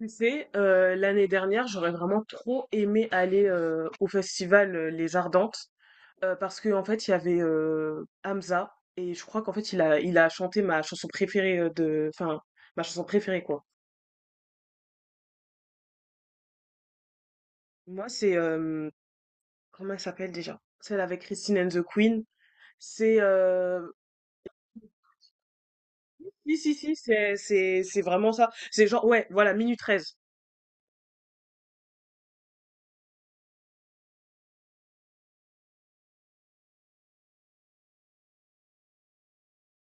Tu sais, l'année dernière, j'aurais vraiment trop aimé aller au festival Les Ardentes parce que en fait, il y avait Hamza et je crois qu'en fait, il a chanté ma chanson préférée enfin, ma chanson préférée quoi. Moi, c'est comment elle s'appelle déjà? Celle avec Christine and the Queen. C'est si si si, c'est vraiment ça. C'est genre ouais, voilà, Minute treize.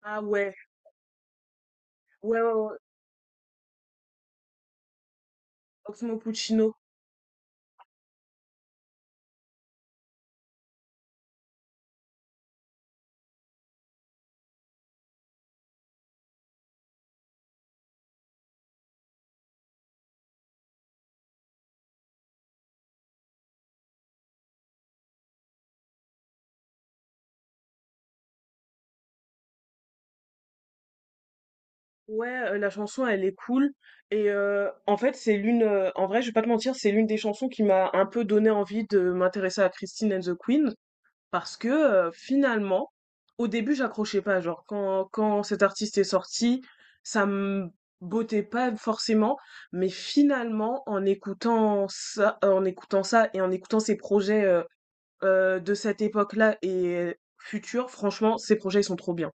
Ah ouais, ouais ouais, ouais. Oxmo Puccino. Ouais, la chanson, elle est cool. Et en fait, en vrai, je vais pas te mentir, c'est l'une des chansons qui m'a un peu donné envie de m'intéresser à Christine and the Queen. Parce que finalement, au début, j'accrochais pas. Genre, quand cet artiste est sorti, ça me bottait pas forcément. Mais finalement, en écoutant ça et en écoutant ses projets de cette époque-là et future, franchement, ces projets, ils sont trop bien.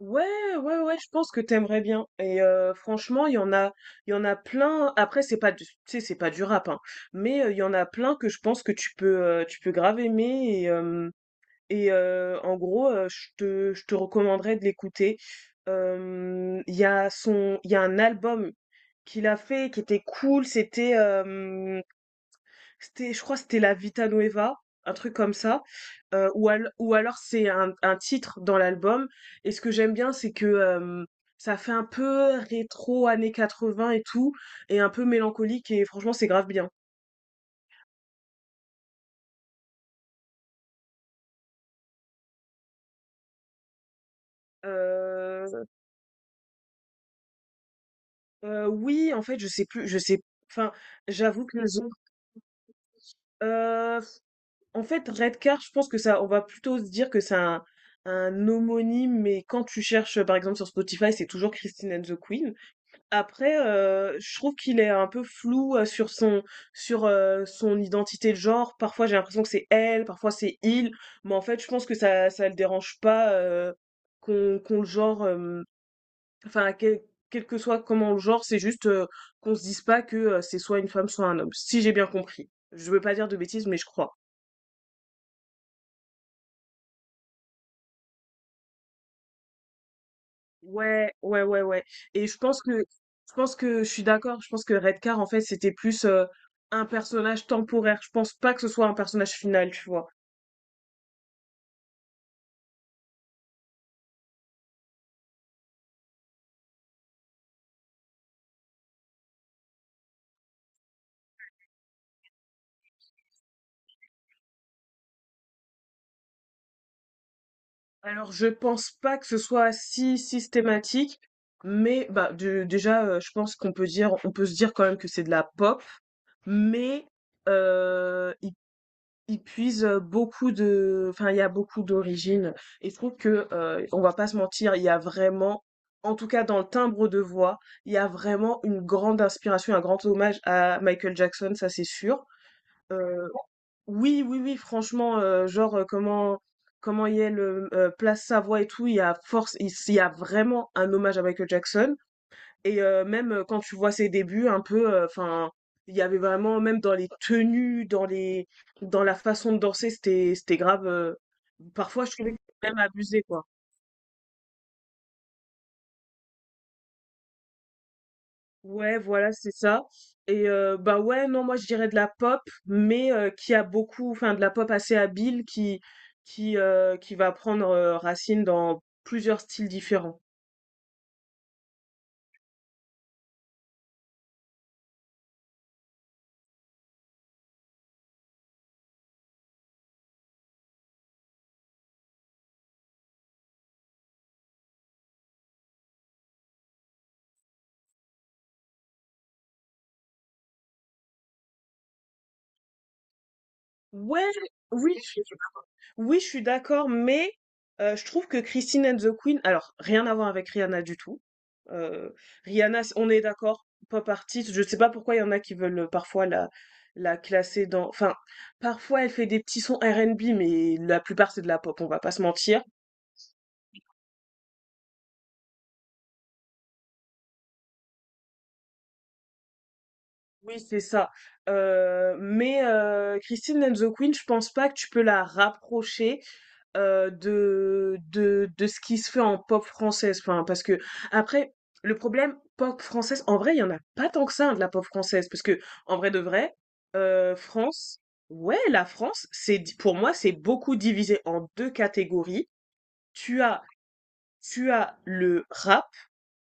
Ouais, ouais, ouais, je pense que t'aimerais bien et franchement, il y en a plein. Après, c'est pas du tu sais, c'est pas du rap, hein, mais il y en a plein que je pense que tu peux grave aimer. Et en gros, je te recommanderais de l'écouter. Il y a un album qu'il a fait qui était cool, c'était je crois que c'était La Vita Nueva, un truc comme ça, ou alors c'est un titre dans l'album, et ce que j'aime bien, c'est que, hem, ça fait un peu rétro années 80 et tout, et un peu mélancolique, et franchement, c'est grave bien. Heu oui, en fait, je sais plus je sais, enfin, j'avoue que les Heu, en fait, Redcar, je pense que ça, on va plutôt se dire que c'est un homonyme, mais quand tu cherches, par exemple sur Spotify, c'est toujours Christine and the Queen. Après, je trouve qu'il est un peu flou, sur son identité de genre. Parfois, j'ai l'impression que c'est elle, parfois c'est il, mais en fait, je pense que ça le dérange pas, qu'on le genre, enfin, quel que soit comment le genre, c'est juste, qu'on se dise pas que, c'est soit une femme, soit un homme, si j'ai bien compris. Je veux pas dire de bêtises, mais je crois. Ouais, ouais, ouais, ouais. Et je pense que je suis d'accord. Je pense que Redcar, en fait, c'était plus un personnage temporaire. Je pense pas que ce soit un personnage final, tu vois. Alors, je pense pas que ce soit si systématique, mais bah déjà, je pense qu'on peut dire, on peut se dire quand même que c'est de la pop, mais euh, Ils puisent, beaucoup de enfin, il y a beaucoup d'origines, et je trouve que, on va pas se mentir, il y a vraiment, en tout cas dans le timbre de voix, il y a vraiment une grande inspiration, un grand hommage à Michael Jackson, ça c'est sûr. Heu, oui, oui, oui, franchement, genre, comment Yael, place sa voix et tout, il y a vraiment un hommage à Michael Jackson. Et même quand tu vois ses débuts, un peu, enfin, il y avait vraiment, même dans les tenues, dans la façon de danser, c'était grave. Parfois, je trouvais que c'était même abusé, quoi. Ouais, voilà, c'est ça. Et bah ouais, non, moi je dirais de la pop, mais qui a beaucoup, enfin, de la pop assez habile, qui va prendre racine dans plusieurs styles différents. Ouais, oui, oui, je suis d'accord, mais je trouve que Christine and the Queen, alors rien à voir avec Rihanna du tout. Euh, Rihanna, on est d'accord, pop artiste. Je sais pas pourquoi il y en a qui veulent parfois la classer dans. Enfin, parfois elle fait des petits sons R&B, mais la plupart c'est de la pop. On va pas se mentir. Oui, c'est ça. Mais Christine and the Queen, je pense pas que tu peux la rapprocher de ce qui se fait en pop française. Enfin, parce que, après, le problème, pop française, en vrai, il y en a pas tant que ça, hein, de la pop française. Parce que, en vrai de vrai, euh, France, ouais, la France, c'est, pour moi, c'est beaucoup divisé en deux catégories. Tu as, tu as le rap,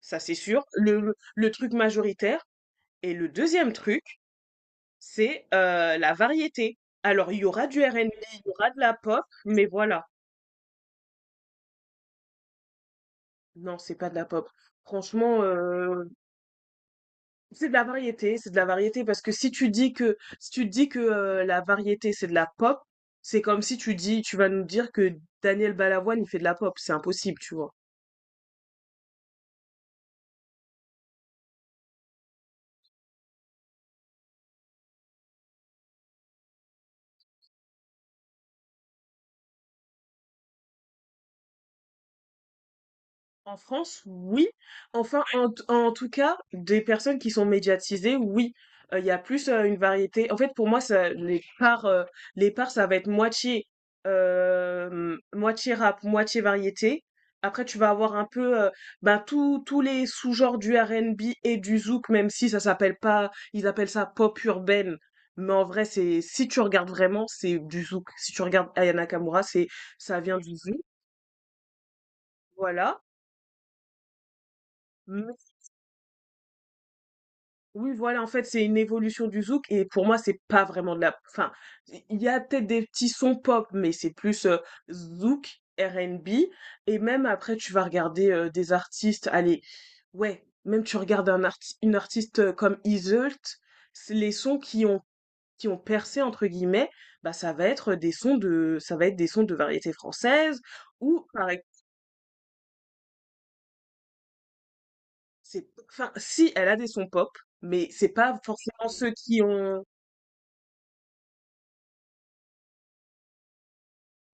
ça c'est sûr, le truc majoritaire. Et le deuxième truc, c'est la variété. Alors, il y aura du R&B, il y aura de la pop, mais voilà. Non, c'est pas de la pop. Franchement, c'est de la variété parce que si tu dis que, la variété, c'est de la pop, c'est comme si tu vas nous dire que Daniel Balavoine, il fait de la pop, c'est impossible, tu vois? En France, oui. Enfin, en tout cas, des personnes qui sont médiatisées, oui. Il y a plus une variété. En fait, pour moi, ça, les parts, ça va être moitié rap, moitié variété. Après, tu vas avoir un peu, ben, tous les sous-genres du R&B et du zouk, même si ça s'appelle pas, ils appellent ça pop urbaine. Mais en vrai, c'est, si tu regardes vraiment, c'est du zouk. Si tu regardes Ayana Nakamura, ça vient du zouk. Voilà. Oui, voilà, en fait, c'est une évolution du zouk, et pour moi, c'est pas vraiment enfin, il y a peut-être des petits sons pop, mais c'est plus zouk, R&B. Et même après, tu vas regarder des artistes. Allez, ouais, même tu regardes une artiste comme Izzult, c'est les sons qui ont percé entre guillemets, bah ça va être des sons de variété française, ou pareil, c'est, enfin, si elle a des sons pop, mais c'est pas forcément ceux qui ont.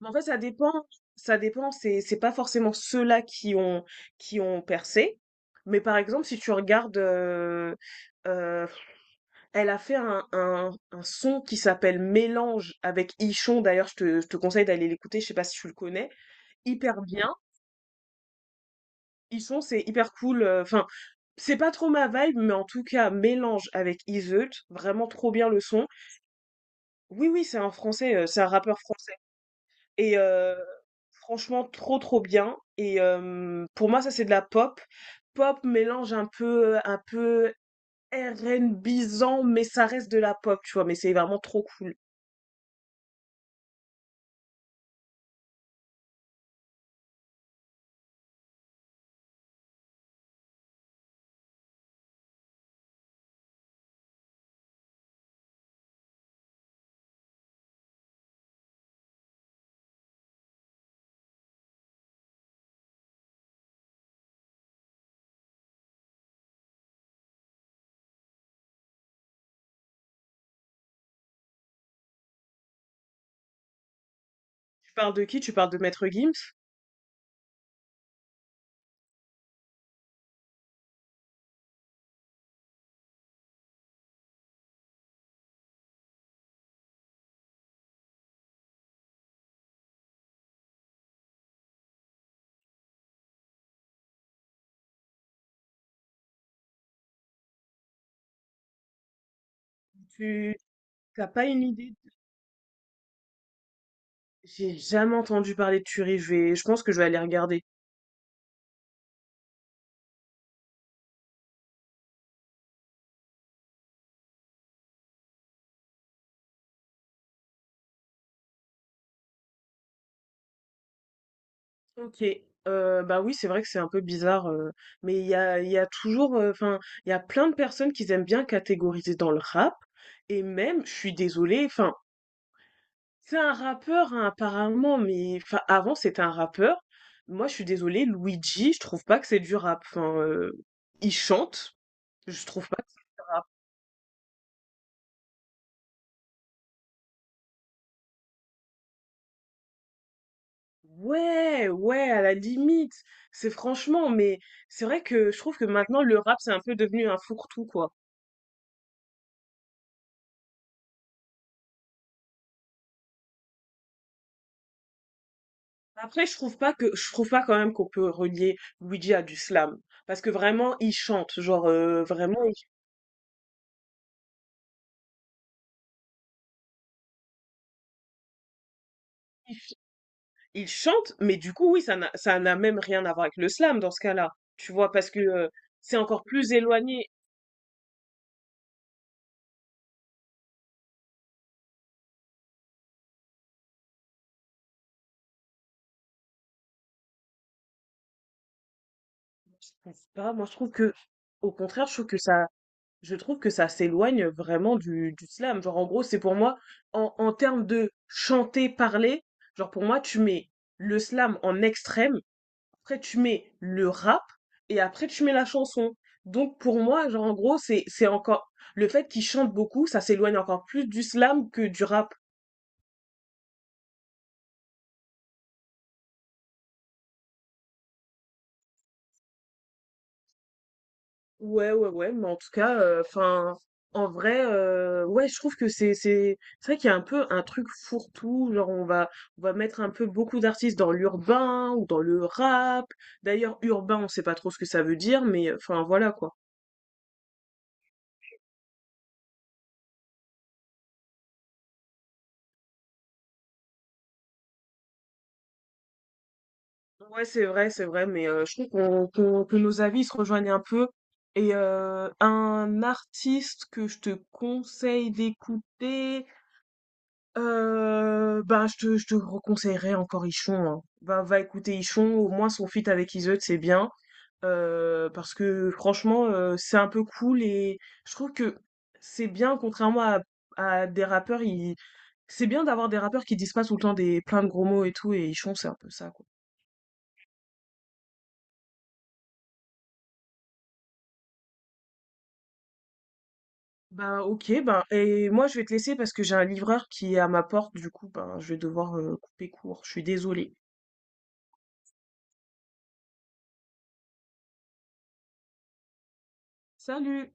Mais En fait, ça dépend. Ça dépend. C'est pas forcément ceux-là qui ont percé. Mais par exemple, si tu regardes, euh, elle a fait un son qui s'appelle Mélange avec Ichon. D'ailleurs, je te conseille d'aller l'écouter. Je sais pas si tu le connais. Hyper bien. Ichon, c'est hyper cool. Enfin, c'est pas trop ma vibe, mais en tout cas, Mélange avec Iseult. Vraiment trop bien le son. Oui, oui, c'est un français. C'est un rappeur français. Et franchement trop, trop bien, et pour moi, ça c'est de la pop. Pop mélange un peu RnBisant, mais ça reste de la pop, tu vois? Mais c'est vraiment trop cool. Tu parles de qui? Tu parles de Maître Gims? Tu t'as pas une idée? J'ai jamais entendu parler de Turi, je pense que je vais aller regarder. OK, bah, oui, c'est vrai que c'est un peu bizarre, mais il y a toujours, enfin, il y a plein de personnes qui aiment bien catégoriser dans le rap, et même, je suis désolée, enfin, c'est un rappeur, hein, apparemment, mais enfin, avant, c'était un rappeur. Moi, je suis désolée, Luigi, je trouve pas que c'est du rap. Enfin, il chante, je trouve pas que ça rap. Ouais, ouais, à la limite. C'est franchement, mais c'est vrai que je trouve que maintenant, le rap, c'est un peu devenu un fourre-tout, quoi. Après, je trouve pas quand même qu'on peut relier Luigi à du slam. Parce que vraiment, il chante, genre, vraiment, il, Ils chantent, mais du coup, oui, ça n'a même rien à voir avec le slam dans ce cas-là. Tu vois, parce que c'est encore plus éloigné. Je sais pas, moi je trouve que, au contraire, je trouve que ça, s'éloigne vraiment du slam. Genre, en gros, c'est pour moi, en termes de chanter, parler, genre pour moi, tu mets le slam en extrême, après tu mets le rap, et après tu mets la chanson. Donc pour moi, genre en gros, c'est encore, le fait qu'ils chantent beaucoup, ça s'éloigne encore plus du slam que du rap. Ouais, ouais, ouais, mais en tout cas, enfin, en vrai, ouais, je trouve que c'est vrai qu'il y a un peu un truc fourre-tout, genre on va mettre un peu beaucoup d'artistes dans l'urbain ou dans le rap. D'ailleurs, urbain, on sait pas trop ce que ça veut dire, mais enfin voilà quoi. Ouais, c'est vrai, mais je trouve qu'on qu'on que nos avis se rejoignent un peu. Et un artiste que je te conseille d'écouter. Bah, je te reconseillerais encore Ichon, hein. Va écouter Ichon, au moins son feat avec Iseut, c'est bien. Parce que franchement, c'est un peu cool, et je trouve que c'est bien contrairement à des rappeurs, ils c'est bien d'avoir des rappeurs qui disent pas tout le temps des plein de gros mots et tout, et Ichon, c'est un peu ça, quoi. Bah, OK, ben et moi, je vais te laisser parce que j'ai un livreur qui est à ma porte, du coup, ben, je vais devoir, couper court. Je suis désolée. Salut!